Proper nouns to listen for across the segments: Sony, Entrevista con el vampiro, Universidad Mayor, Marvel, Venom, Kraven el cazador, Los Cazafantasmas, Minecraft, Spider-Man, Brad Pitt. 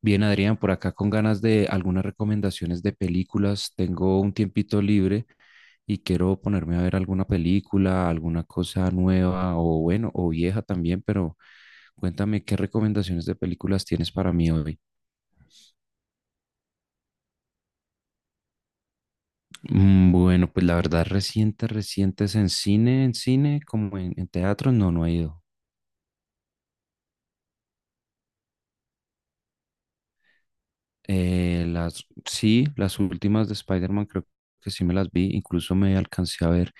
Bien, Adrián, por acá con ganas de algunas recomendaciones de películas. Tengo un tiempito libre y quiero ponerme a ver alguna película, alguna cosa nueva o bueno, o vieja también, pero cuéntame qué recomendaciones de películas tienes para mí hoy. Bueno, pues la verdad, recientes en cine, como en teatro, no, no he ido. Sí, las últimas de Spider-Man creo que sí me las vi. Incluso me alcancé a ver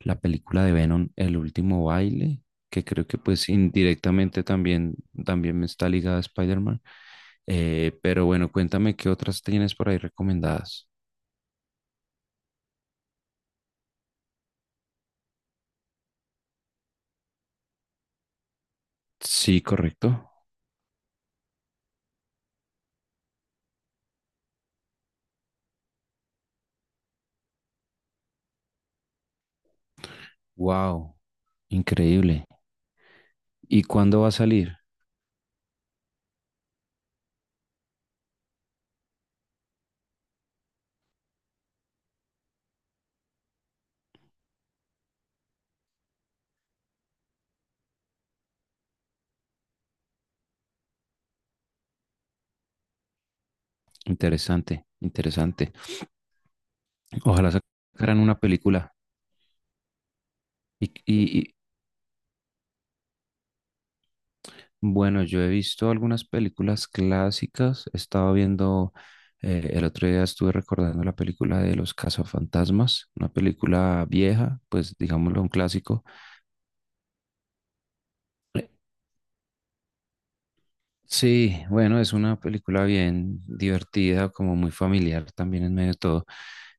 la película de Venom, El último baile, que creo que pues indirectamente también, también me está ligada a Spider-Man. Pero bueno, cuéntame qué otras tienes por ahí recomendadas. Sí, correcto. Wow, increíble. ¿Y cuándo va a salir? Interesante, interesante. Ojalá sacaran una película. ¿Y, y, Bueno, yo he visto algunas películas clásicas. El otro día estuve recordando la película de Los Cazafantasmas, una película vieja, pues digámoslo un clásico. Sí, bueno, es una película bien divertida, como muy familiar también en medio de todo.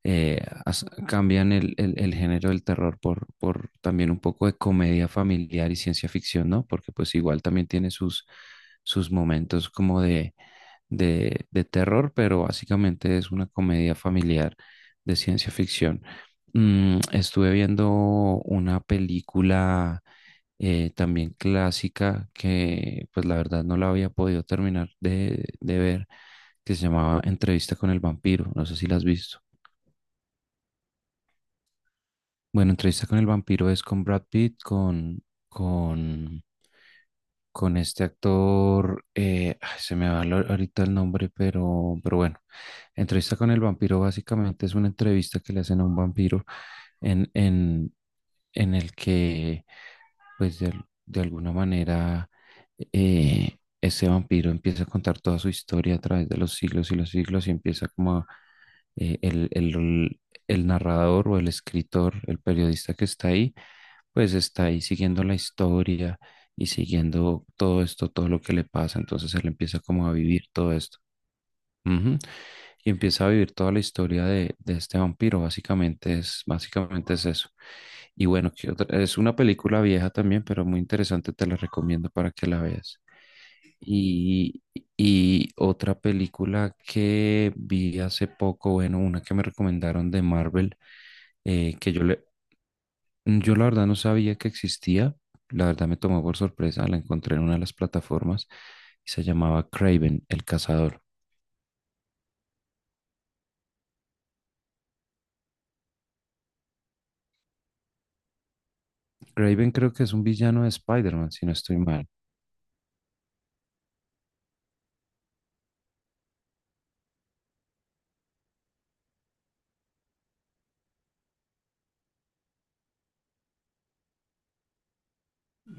Cambian el género del terror por también un poco de comedia familiar y ciencia ficción, ¿no? Porque pues igual también tiene sus, sus momentos como de terror, pero básicamente es una comedia familiar de ciencia ficción. Estuve viendo una película también clásica, que pues la verdad no la había podido terminar de ver, que se llamaba Entrevista con el vampiro, no sé si la has visto. Bueno, entrevista con el vampiro es con Brad Pitt, con, con este actor, ay, se me va ahorita el nombre, pero bueno, entrevista con el vampiro básicamente es una entrevista que le hacen a un vampiro en, en, en el que, de alguna manera, ese vampiro empieza a contar toda su historia a través de los siglos y empieza como a, eh, el, el- el narrador o el escritor, el periodista que está ahí, pues está ahí siguiendo la historia y siguiendo todo esto, todo lo que le pasa. Entonces él empieza como a vivir todo esto. Ujú. Y empieza a vivir toda la historia de este vampiro. Básicamente es eso. Y bueno, ¿qué otra? Es una película vieja también, pero muy interesante. Te la recomiendo para que la veas. Y, y otra película que vi hace poco, bueno, una que me recomendaron de Marvel, eh, que yo le, yo la verdad no sabía que existía, la verdad me tomó por sorpresa, la encontré en una de las plataformas y se llamaba Kraven el cazador. Kraven creo que es un villano de Spider-Man, si no estoy mal.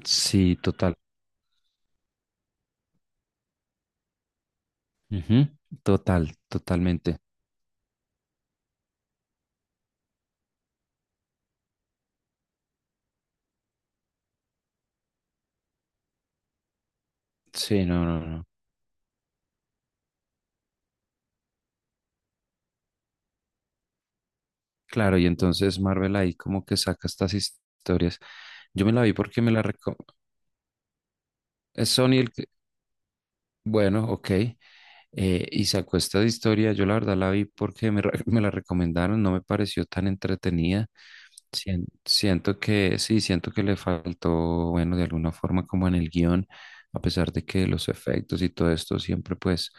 Sí, total. Ujú, total, totalmente. Sí, no, no, no. Claro, y entonces Marvel ahí como que saca estas historias. Yo me la vi porque me es Sony el que... Bueno, ok. Y sacó esta de historia. Yo la verdad la vi porque me la recomendaron. No me pareció tan entretenida. Siento que sí, siento que le faltó, bueno, de alguna forma como en el guión, a pesar de que los efectos y todo esto siempre pues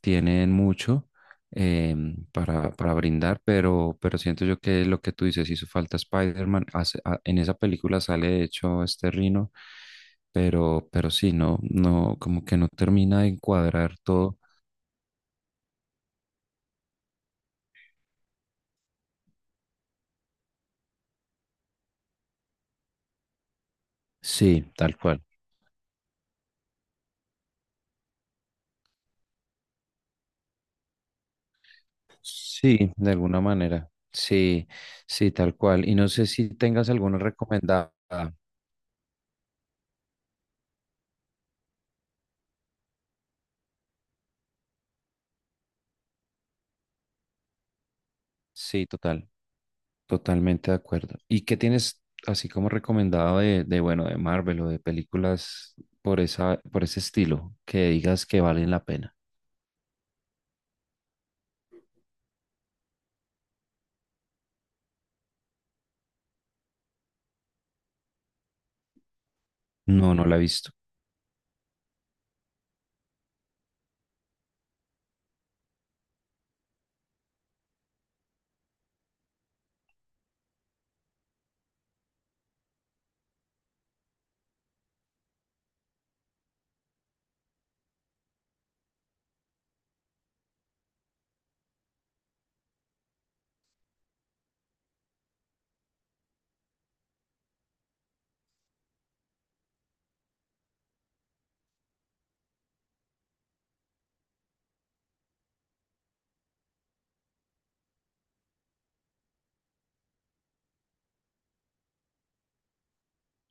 tienen mucho para brindar, pero siento yo que lo que tú dices hizo falta Spider-Man, en esa película sale de hecho este Rino, pero sí, no, no, como que no termina de encuadrar todo. Sí, tal cual. Sí, de alguna manera. Sí, sí, tal cual. Y no sé si tengas alguna recomendada. Sí, total, totalmente de acuerdo. ¿Y qué tienes así como recomendado de bueno, de Marvel o de películas por esa, por ese estilo que digas que valen la pena? No, no la he visto.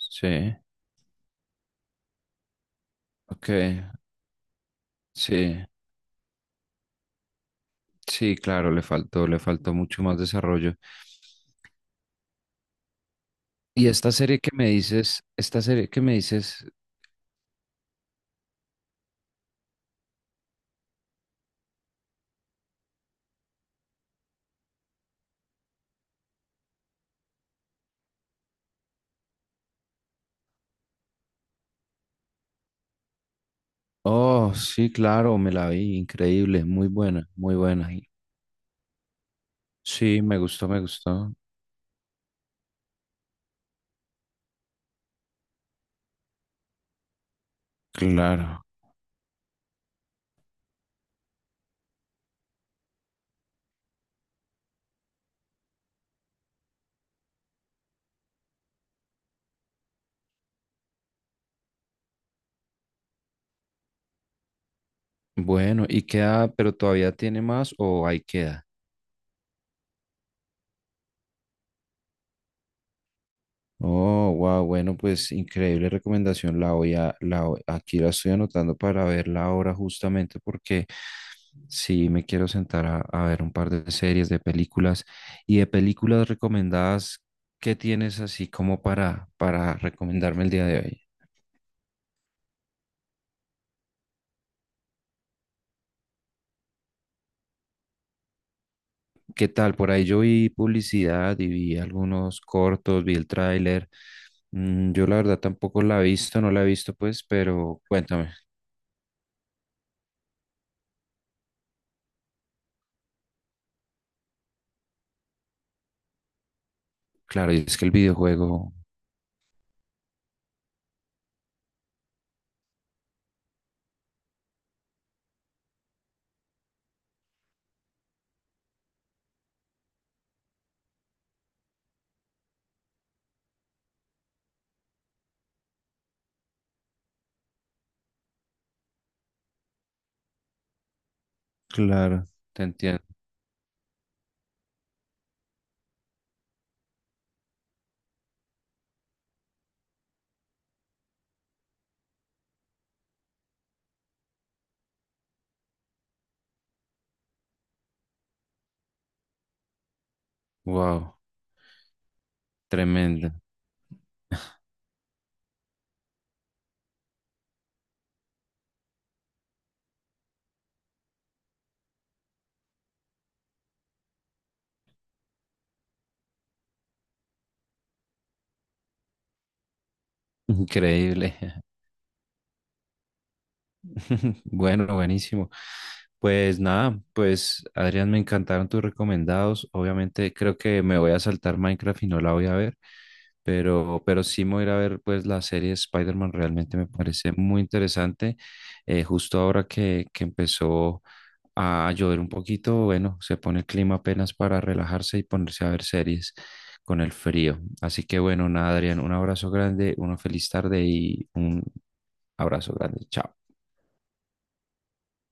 Sí, ok, sí, sí, claro, le faltó mucho más desarrollo. Y esta serie que me dices, esta serie que me dices oh, sí, claro, me la vi, increíble, muy buena, muy buena. Y sí, me gustó, me gustó. Claro. Bueno, ¿y queda, pero todavía tiene más o ahí queda? Oh, wow, bueno, pues increíble recomendación. La voy a aquí la estoy anotando para verla ahora justamente porque sí me quiero sentar a ver un par de series, de películas y de películas recomendadas. ¿Qué tienes así como para recomendarme el día de hoy? ¿Qué tal? Por ahí yo vi publicidad y vi algunos cortos, vi el tráiler. Yo la verdad tampoco la he visto, no la he visto pues, pero cuéntame. Claro, y es que el videojuego, claro, te entiendo. Wow, tremendo, increíble. Bueno, buenísimo. Pues nada, pues Adrián, me encantaron tus recomendados. Obviamente creo que me voy a saltar Minecraft y no la voy a ver, pero sí me voy a ir a ver pues la serie Spider-Man, realmente me parece muy interesante. Justo ahora que empezó a llover un poquito, bueno, se pone el clima apenas para relajarse y ponerse a ver series con el frío. Así que bueno, nada, Adrián, un abrazo grande, una feliz tarde y un abrazo grande. Chao.